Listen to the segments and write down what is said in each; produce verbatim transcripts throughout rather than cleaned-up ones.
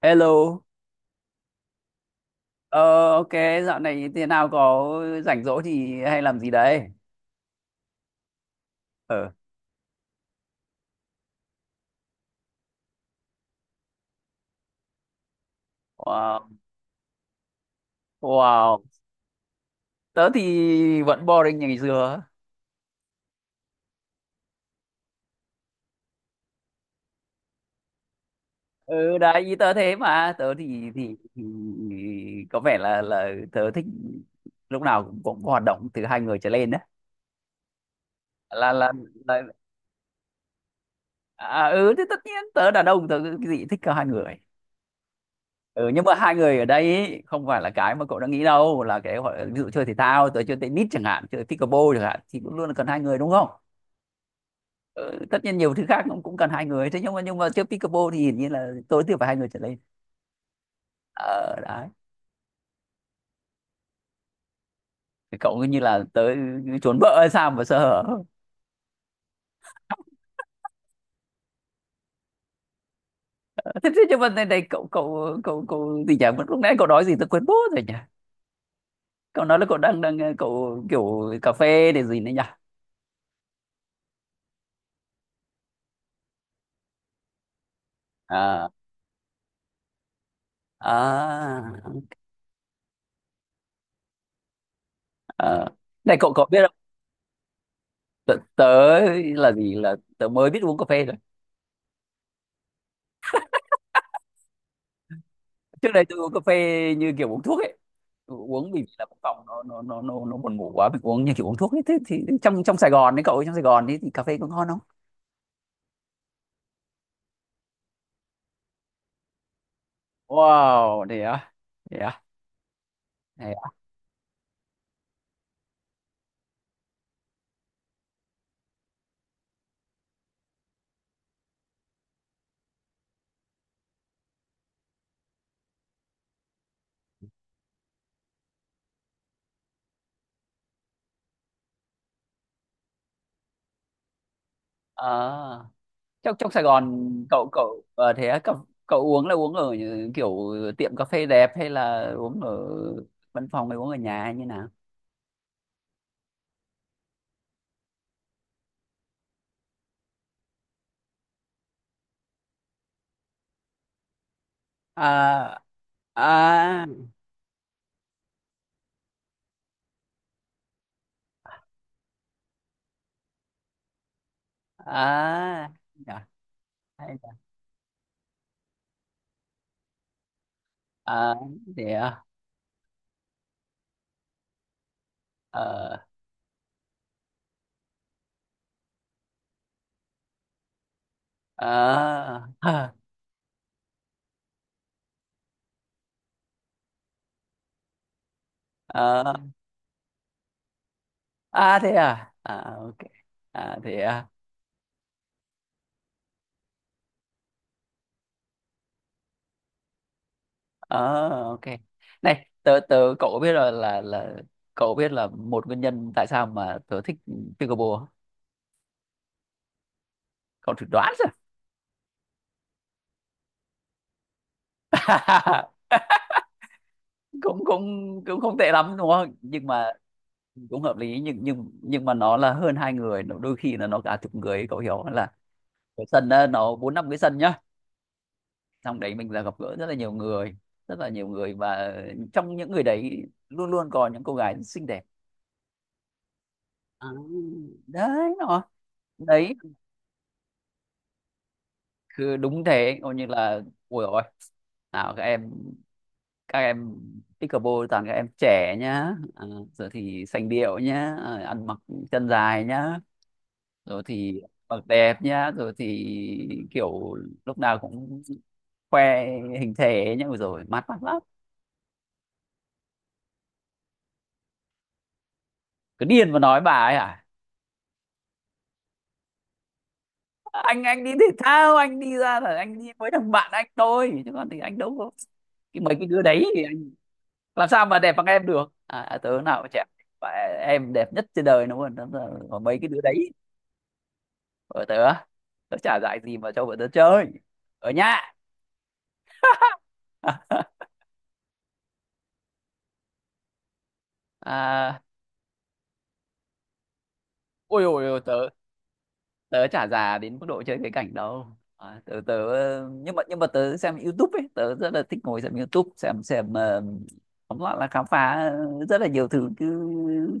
Hello. ờ, ok, Dạo này thế nào, có rảnh rỗi thì hay làm gì đấy? Ờ, wow, wow, Tớ thì vẫn boring như ngày xưa. Ừ, đấy, ý tớ thế mà, tớ thì, thì, thì có vẻ là là tớ thích lúc nào cũng, cũng có hoạt động từ hai người trở lên đấy. Là, là, là, à, ừ, thì tất nhiên tớ đàn ông tớ cái gì thích cả hai người. Ừ, nhưng mà hai người ở đây ý, không phải là cái mà cậu đã nghĩ đâu, là cái gọi là ví dụ chơi thể thao, tới chơi tennis chẳng hạn, chơi pickleball chẳng hạn, thì cũng luôn là cần hai người đúng không. Ừ, tất nhiên nhiều thứ khác cũng cũng cần hai người, thế nhưng mà nhưng mà chơi pickleball thì hiển nhiên là tối thiểu phải hai người trở lên. Ờ đấy. Thì cậu cứ như là tới trốn vợ hay sao mà sơ hở. thế, thế nhưng mà này, này cậu cậu cậu cậu gì nhỉ, lúc nãy cậu nói gì tôi quên bố rồi nhỉ, cậu nói là cậu đang đang cậu kiểu cà phê để gì nữa nhỉ? à à, à. Này cậu có biết, tớ, tớ là gì, là tớ mới biết uống cà phê thôi. Trước đây tôi uống cà phê như kiểu uống thuốc ấy, uống vì là phòng nó nó nó nó nó buồn ngủ quá, mình uống như kiểu uống thuốc ấy. Thế thì trong trong Sài Gòn đấy cậu ấy, trong Sài Gòn ấy, thì cà phê có ngon không? wow Thế à, thế à thế à, à trong trong Sài Gòn cậu cậu ờ, thế à, cậu, cậu, uống là uống ở những kiểu tiệm cà phê đẹp, hay là uống ở văn phòng, hay uống ở nhà, hay như nào? à à à, à. Dạ. à thế à ờ ờ ờ ờ. à thế à à ok à thế à ờ Ok. Này tớ tớ cậu có biết là là là cậu biết là một nguyên nhân tại sao mà tớ thích pickleball không? Cậu thử đoán xem. cũng cũng cũng không tệ lắm đúng không, nhưng mà cũng hợp lý, nhưng nhưng nhưng mà nó là hơn hai người, nó đôi khi là nó cả chục người ấy, cậu hiểu không? Là cái sân á, nó bốn năm cái sân nhá, trong đấy mình là gặp gỡ rất là nhiều người, rất là nhiều người, và trong những người đấy luôn luôn có những cô gái rất xinh đẹp. À, đấy nó đấyคือđúng thế, coi như là ôi rồi, nào các em, các em pickleball toàn các em trẻ nhá, à, rồi thì sành điệu nhá, à, ăn mặc chân dài nhá, rồi thì mặc đẹp nhá, rồi thì kiểu lúc nào cũng khoe hình thể nhá, rồi mát mắt lắm. Cứ điên mà nói bà ấy hả, anh anh đi thể thao, anh đi ra là anh đi với thằng bạn anh thôi, chứ còn thì anh đâu có cái mấy cái đứa đấy thì anh làm sao mà đẹp bằng em được, à, tớ nào mà trẻ. Và em đẹp nhất trên đời đúng không. Đúng là có mấy cái đứa đấy ở tớ, tớ chả dạy gì mà cho bọn tớ chơi ở nhà. à, ôi ôi ôi tớ, tớ chả già đến mức độ chơi cái cảnh đâu. À, tớ tớ nhưng mà nhưng mà tớ xem YouTube ấy, tớ rất là thích ngồi xem YouTube, xem xem ờ, tóm lại là khám phá rất là nhiều thứ cứ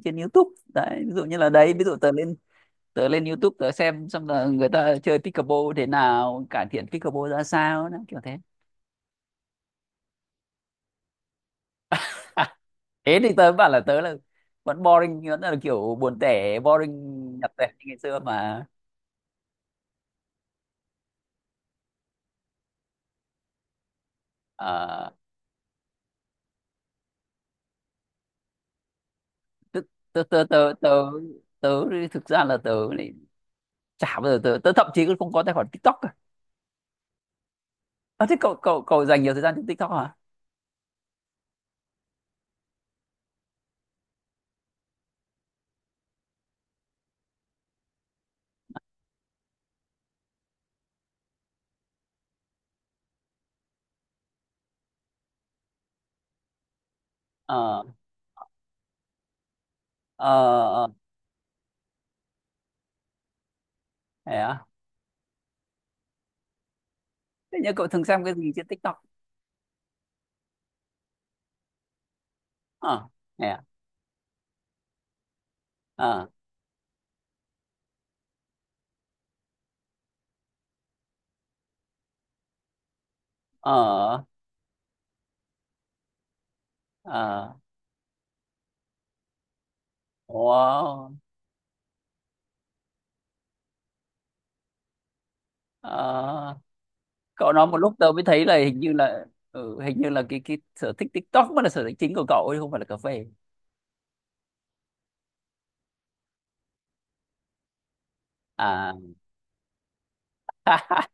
trên YouTube đấy, ví dụ như là đấy, ví dụ tớ lên, tớ lên YouTube tớ xem xong là người ta chơi pickleball thế nào, cải thiện pickleball ra sao đó, kiểu thế. Thế thì tớ bảo là tớ là vẫn boring, vẫn là kiểu buồn tẻ, boring nhập tẻ như ngày xưa mà. Ờ, tức- tớ tớ tớ tớ tớ thực ra là tớ lại chả bao giờ tớ, tớ thậm chí cũng không có tài khoản TikTok cả. À, thế cậu cậu cậu dành nhiều thời gian trên TikTok hả? ờ ờ ờ thế à Thế nhưng cậu thường xem cái gì trên TikTok? Ờ thế à ờ ờ ờ wow ờ Cậu nói một lúc tớ mới thấy là hình như là, ừ, hình như là cái cái sở thích TikTok mới là sở thích chính của cậu ấy, không phải là cà phê à.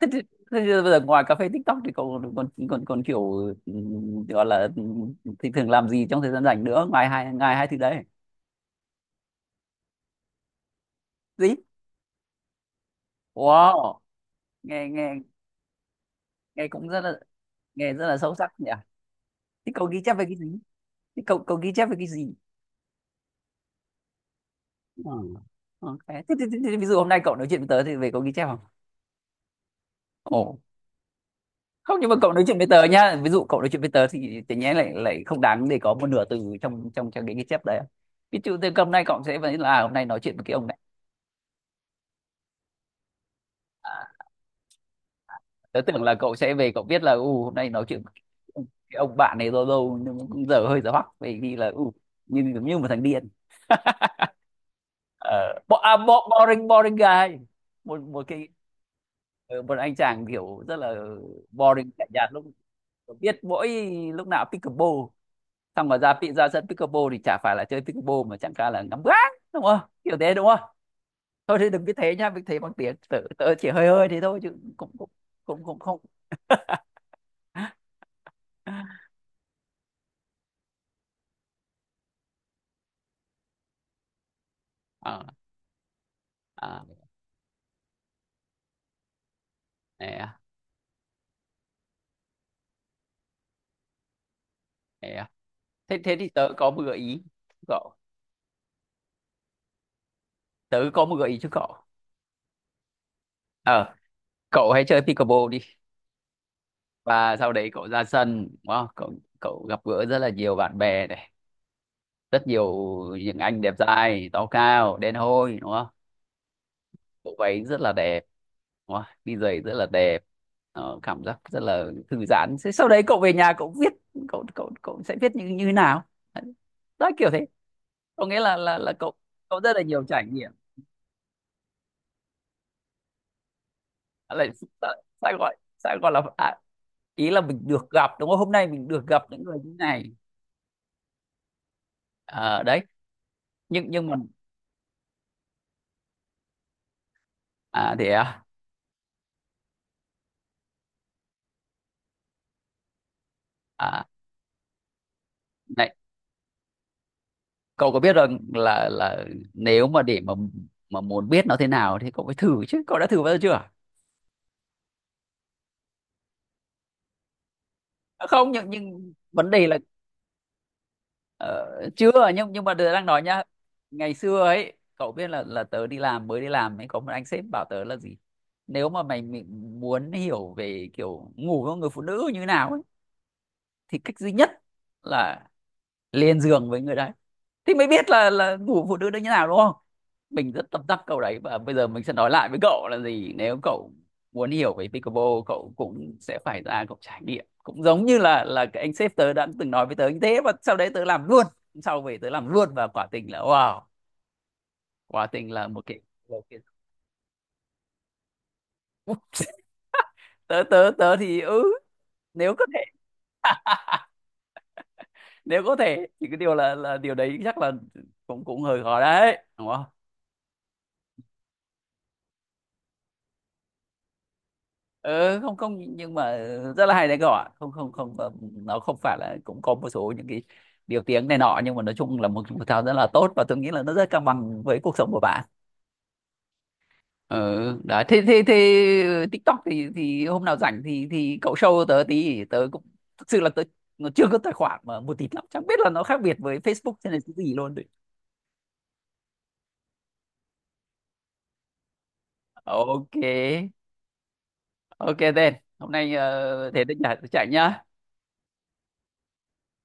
thế, thì- thế, thì bây giờ ngoài cà phê TikTok thì cậu còn còn còn, còn kiểu, ừ, gọi là, ừ, thì thường làm gì trong thời gian rảnh nữa, ngoài hai ngoài hai thứ đấy? Gì? Wow, nghe nghe nghe cũng rất là, nghe rất là sâu sắc nhỉ. Thế cậu ghi chép về cái gì? Thế cậu cậu ghi chép về cái gì? Ừ. Ok. Thế, thế, thế, thế, Ví dụ hôm nay cậu nói chuyện với tớ thì về cậu ghi chép không? Ồ. Không nhưng mà cậu nói chuyện với tớ nhá. Ví dụ cậu nói chuyện với tớ thì tự nhiên lại lại không đáng để có một nửa từ trong trong trong cái ghi chép đấy. Ví dụ từ hôm nay cậu sẽ vẫn là, à, hôm nay nói chuyện với cái ông này. À, tớ tưởng là cậu sẽ về cậu biết là u hôm nay nói chuyện với cái ông bạn này lâu lâu, nhưng mà cũng giờ hơi giờ hoắc vì vì là u như giống như một thằng điên. Ờ, bo à, bo Boring, boring guy, một một cái, ờ, một anh chàng kiểu rất là boring, lạnh nhạt, lúc biết mỗi lúc nào pickleball, xong mà ra pi- ra sân pickleball thì chả phải là chơi pickleball, mà chẳng cả là ngắm gác đúng không, kiểu thế đúng không. Thôi thì đừng cứ thế nhá, mình thế bằng tiếng tớ, tớ chỉ hơi hơi thế thôi chứ cũng cũng cũng cũng không. Ờ, à, thế, à, thế, à. Thế thế thì tớ có một gợi ý, cậu, tớ có một gợi ý cho cậu. ờ Cậu hãy chơi pickleball đi, và sau đấy cậu ra sân đúng không? Cậu, cậu gặp gỡ rất là nhiều bạn bè này, rất nhiều những anh đẹp trai, to cao đen hôi đúng không, bộ váy rất là đẹp đúng không, đi giày rất là đẹp. Ờ, cảm giác rất là thư giãn. Thế sau đấy cậu về nhà cậu viết, cậu cậu cậu sẽ viết như như thế nào đó, kiểu thế. Có nghĩa là là là cậu, cậu rất là nhiều trải nghiệm. À, lại sao, sao gọi sao gọi là, à, ý là mình được gặp đúng không, hôm nay mình được gặp những người như này. Ờ, đấy. nhưng nhưng mà à thế à? À, này, cậu có biết rằng là là nếu mà để mà mà muốn biết nó thế nào thì cậu phải thử chứ. Cậu đã thử bao giờ chưa? À, không, nhưng nhưng vấn đề là, ờ, chưa, nhưng nhưng mà tớ đang nói nhá. Ngày xưa ấy, cậu biết là là tớ đi làm, mới đi làm ấy, có một anh sếp bảo tớ là gì? Nếu mà mày, mày muốn hiểu về kiểu ngủ với một người phụ nữ như thế nào ấy, thì cách duy nhất là lên giường với người đấy thì mới biết là là ngủ phụ nữ nó như nào đúng không. Mình rất tâm đắc câu đấy, và bây giờ mình sẽ nói lại với cậu là gì, nếu cậu muốn hiểu về pickleball, cậu cũng sẽ phải ra cậu trải nghiệm, cũng giống như là là cái anh sếp tớ đã từng nói với tớ như thế, và sau đấy tớ làm luôn. Sau về tớ làm luôn, và quả tình là wow, quả tình là một cái, một cái... tớ tớ tớ thì, ừ, nếu có thể, nếu có thể thì cái điều là là điều đấy chắc là cũng cũng hơi khó đấy đúng không? Ừ, không, không nhưng mà rất là hay đấy các bạn, không không không, ờ, nó không phải là, cũng có một số những cái điều tiếng này nọ, nhưng mà nói chung là một thể thao rất là tốt, và tôi nghĩ là nó rất cân bằng với cuộc sống của bạn. Ừ, đấy. Thế thế thế Ờ, TikTok thì thì hôm nào rảnh thì thì cậu show tớ tí, tớ cũng thực sự là tớ nó chưa có tài khoản mà một tí lắm, chẳng biết là nó khác biệt với Facebook thế này cái gì luôn đấy. Ok Ok tên, hôm nay, ờ, thế tôi chạy chạy nhá.